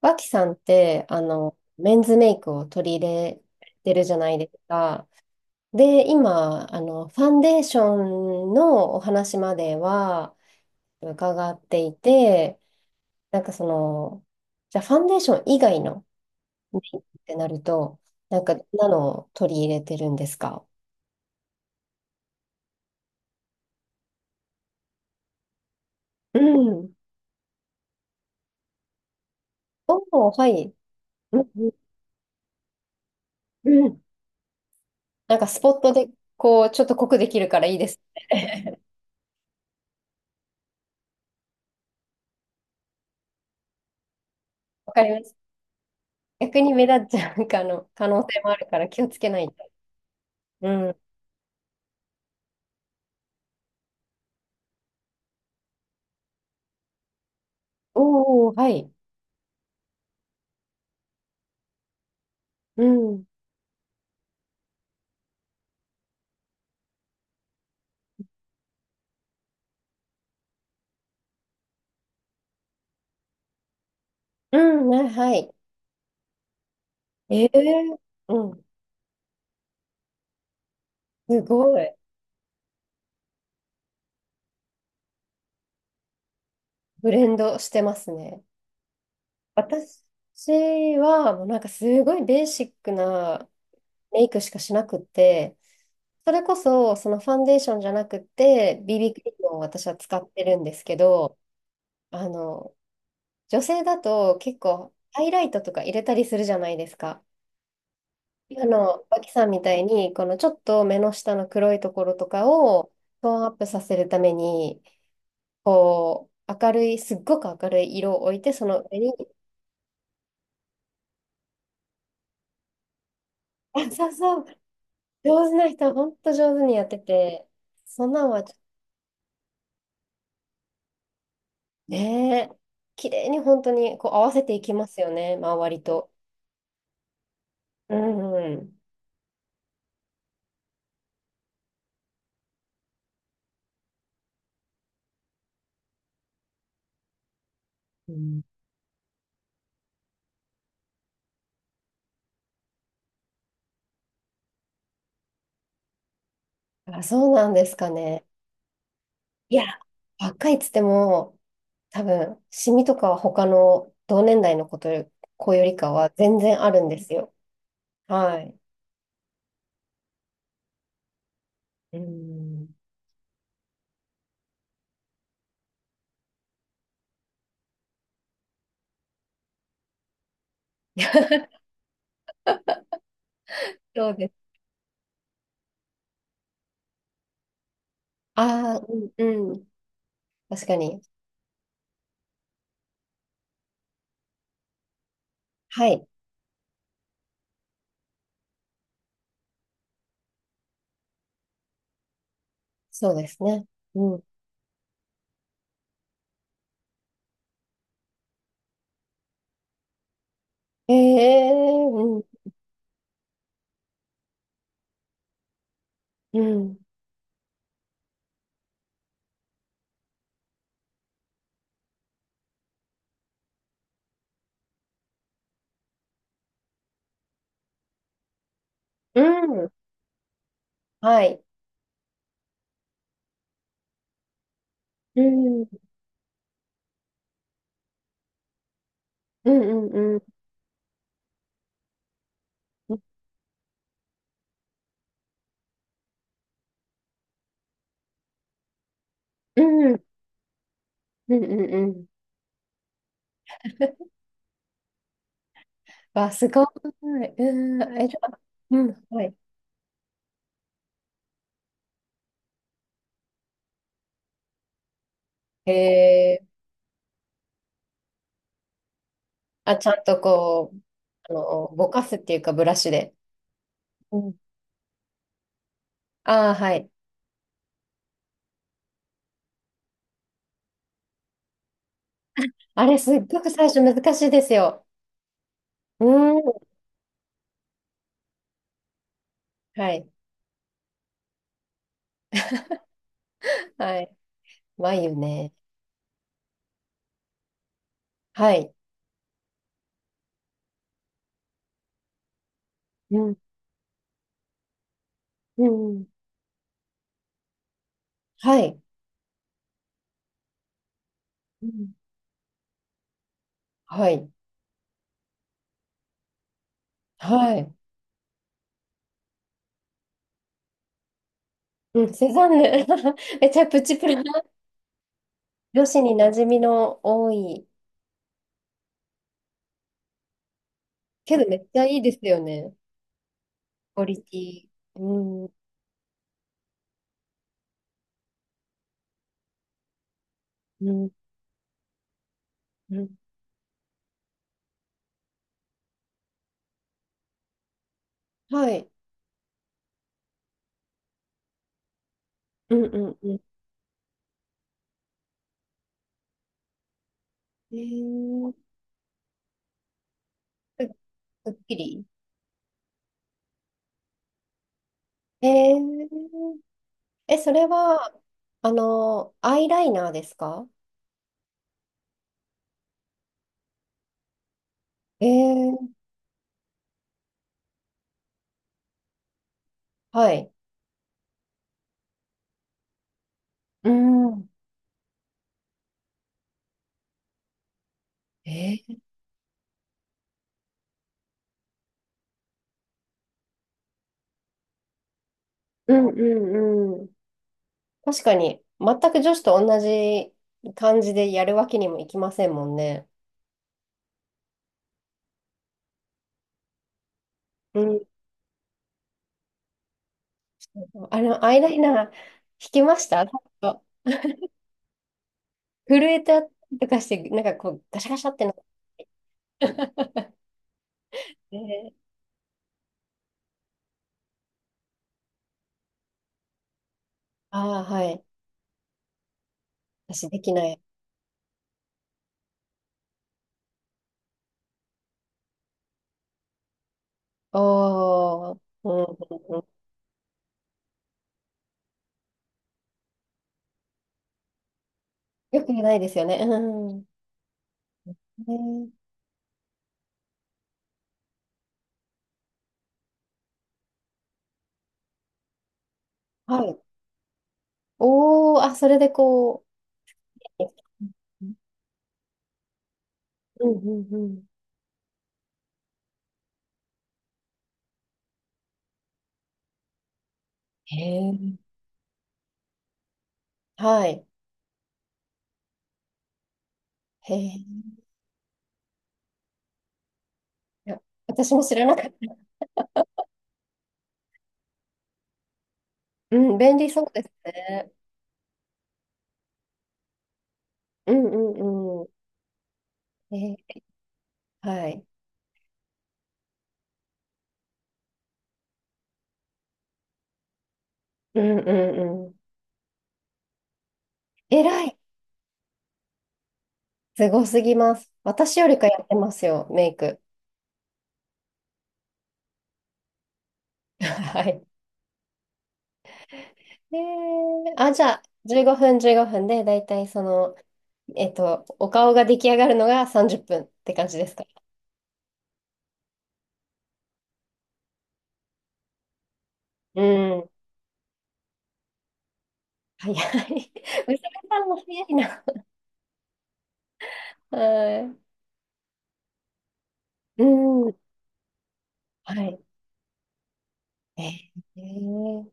脇さんって、メンズメイクを取り入れてるじゃないですか。で、今、ファンデーションのお話までは伺っていて、なんかその、じゃあファンデーション以外のメイクってなると、なんか、どんなのを取り入れてるんですか？うん。おー、はい。うん、うん。なんかスポットで、こう、ちょっと濃くできるからいいですね。わかります。逆に目立っちゃうかの可能性もあるから気をつけないと。うん。おお、はい。うん。うん、ねはい。ええ、うん。すごい。ブレンドしてますね。私は、もうなんかすごいベーシックなメイクしかしなくって、それこそ、そのファンデーションじゃなくて、BB クリームを私は使ってるんですけど、あの、女性だと結構ハイライトとか入れたりするじゃないですか。あの、脇さんみたいに、このちょっと目の下の黒いところとかをトーンアップさせるために、こう、明るい、すっごく明るい色を置いて、その上に、あ、そうそう、上手な人は本当上手にやってて、そんなんはちょっとね、綺麗に本当にこう合わせていきますよね、周りと。うんうん。うん。あ、そうなんですかね。いや、若いっつっても、多分、シミとかは他の同年代の子よりかは全然あるんですよ。はい。うん。そうです。ああ、うん、うん。確かに。はい。そうですね。うん。ええ、うん、うん、うん。はい。うん、うん、うん、うん、うん、うん、うん、うん。わ、すごい。うん、え、じゃあ、うん、はい。えー、あ、ちゃんとこう、あの、ぼかすっていうか、ブラシで。ああ、はい。あれ、すっごく最初難しいですよ。うーん。はい。はい。眉ね。はい。うん。うん。はい。うん。はい。はい。うん、セザンヌ。めちゃプチプラ。女子に馴染みの多い。けどめっちゃいいですよね。クオリティ。うん。うん。うん、はい。うんうんうん。えー、すすっきり。えー、え、それは、あの、アイライナーですか？えー、はい。うん。うん。えー、うんうんうん。確かに、全く女子と同じ感じでやるわけにもいきませんもんね。うん。あの、アイライナー引きましたちょっと震えたりとかして、なんかこう、ガシャガシャってなって。ね。ああ、はい。私できない。おー、うんうんうん。よくないですよね。うん。ね、はい。おー、あ、それでこう。うんうんうん。へえ。はい。へえ、いや、私も知らなかった。うん、便利そうですね。うんうんうん。えー、はい。うんうんうん。えらい。すごすぎます。私よりかやってますよ、メイク。はい。えー、あ、じゃあ、15分15分で、だいたいその、えっと、お顔が出来上がるのが30分っぷんって感じですか？うん。早い。娘さんも早いな。はい。うん。はい。えー、えー、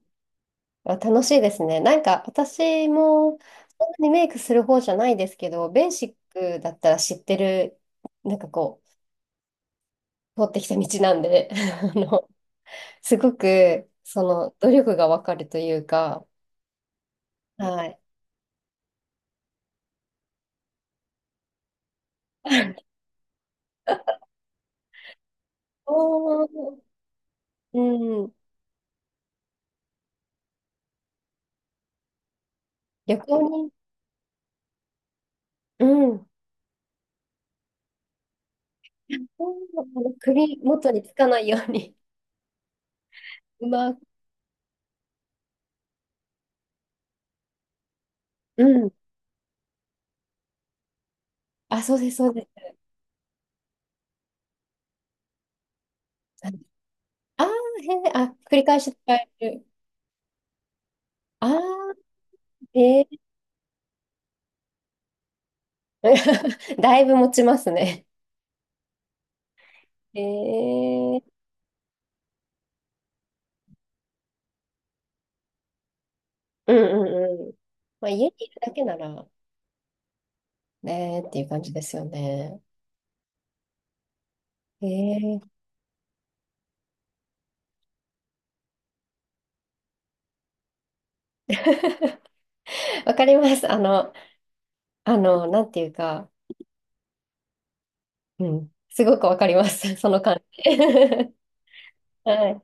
あ、楽しいですね。なんか私もそんなにメイクする方じゃないですけど、ベーシックだったら知ってる、なんかこう、通ってきた道なんで、あの、すごく、その、努力がわかるというか、はい。おー。うん、旅行に、うん、首元につかないように、うまく、うん、あ、そうです、そうです。ああ、へえ、あ、繰り返し使える。ああ、へえ。 だいぶ持ちますね。へえ。うんうんうん。まあ、家にいるだけならねーっていう感じですよね。ええ。 わかります。あの、あの、なんていうか、うん、すごくわかります。その感じ。はい。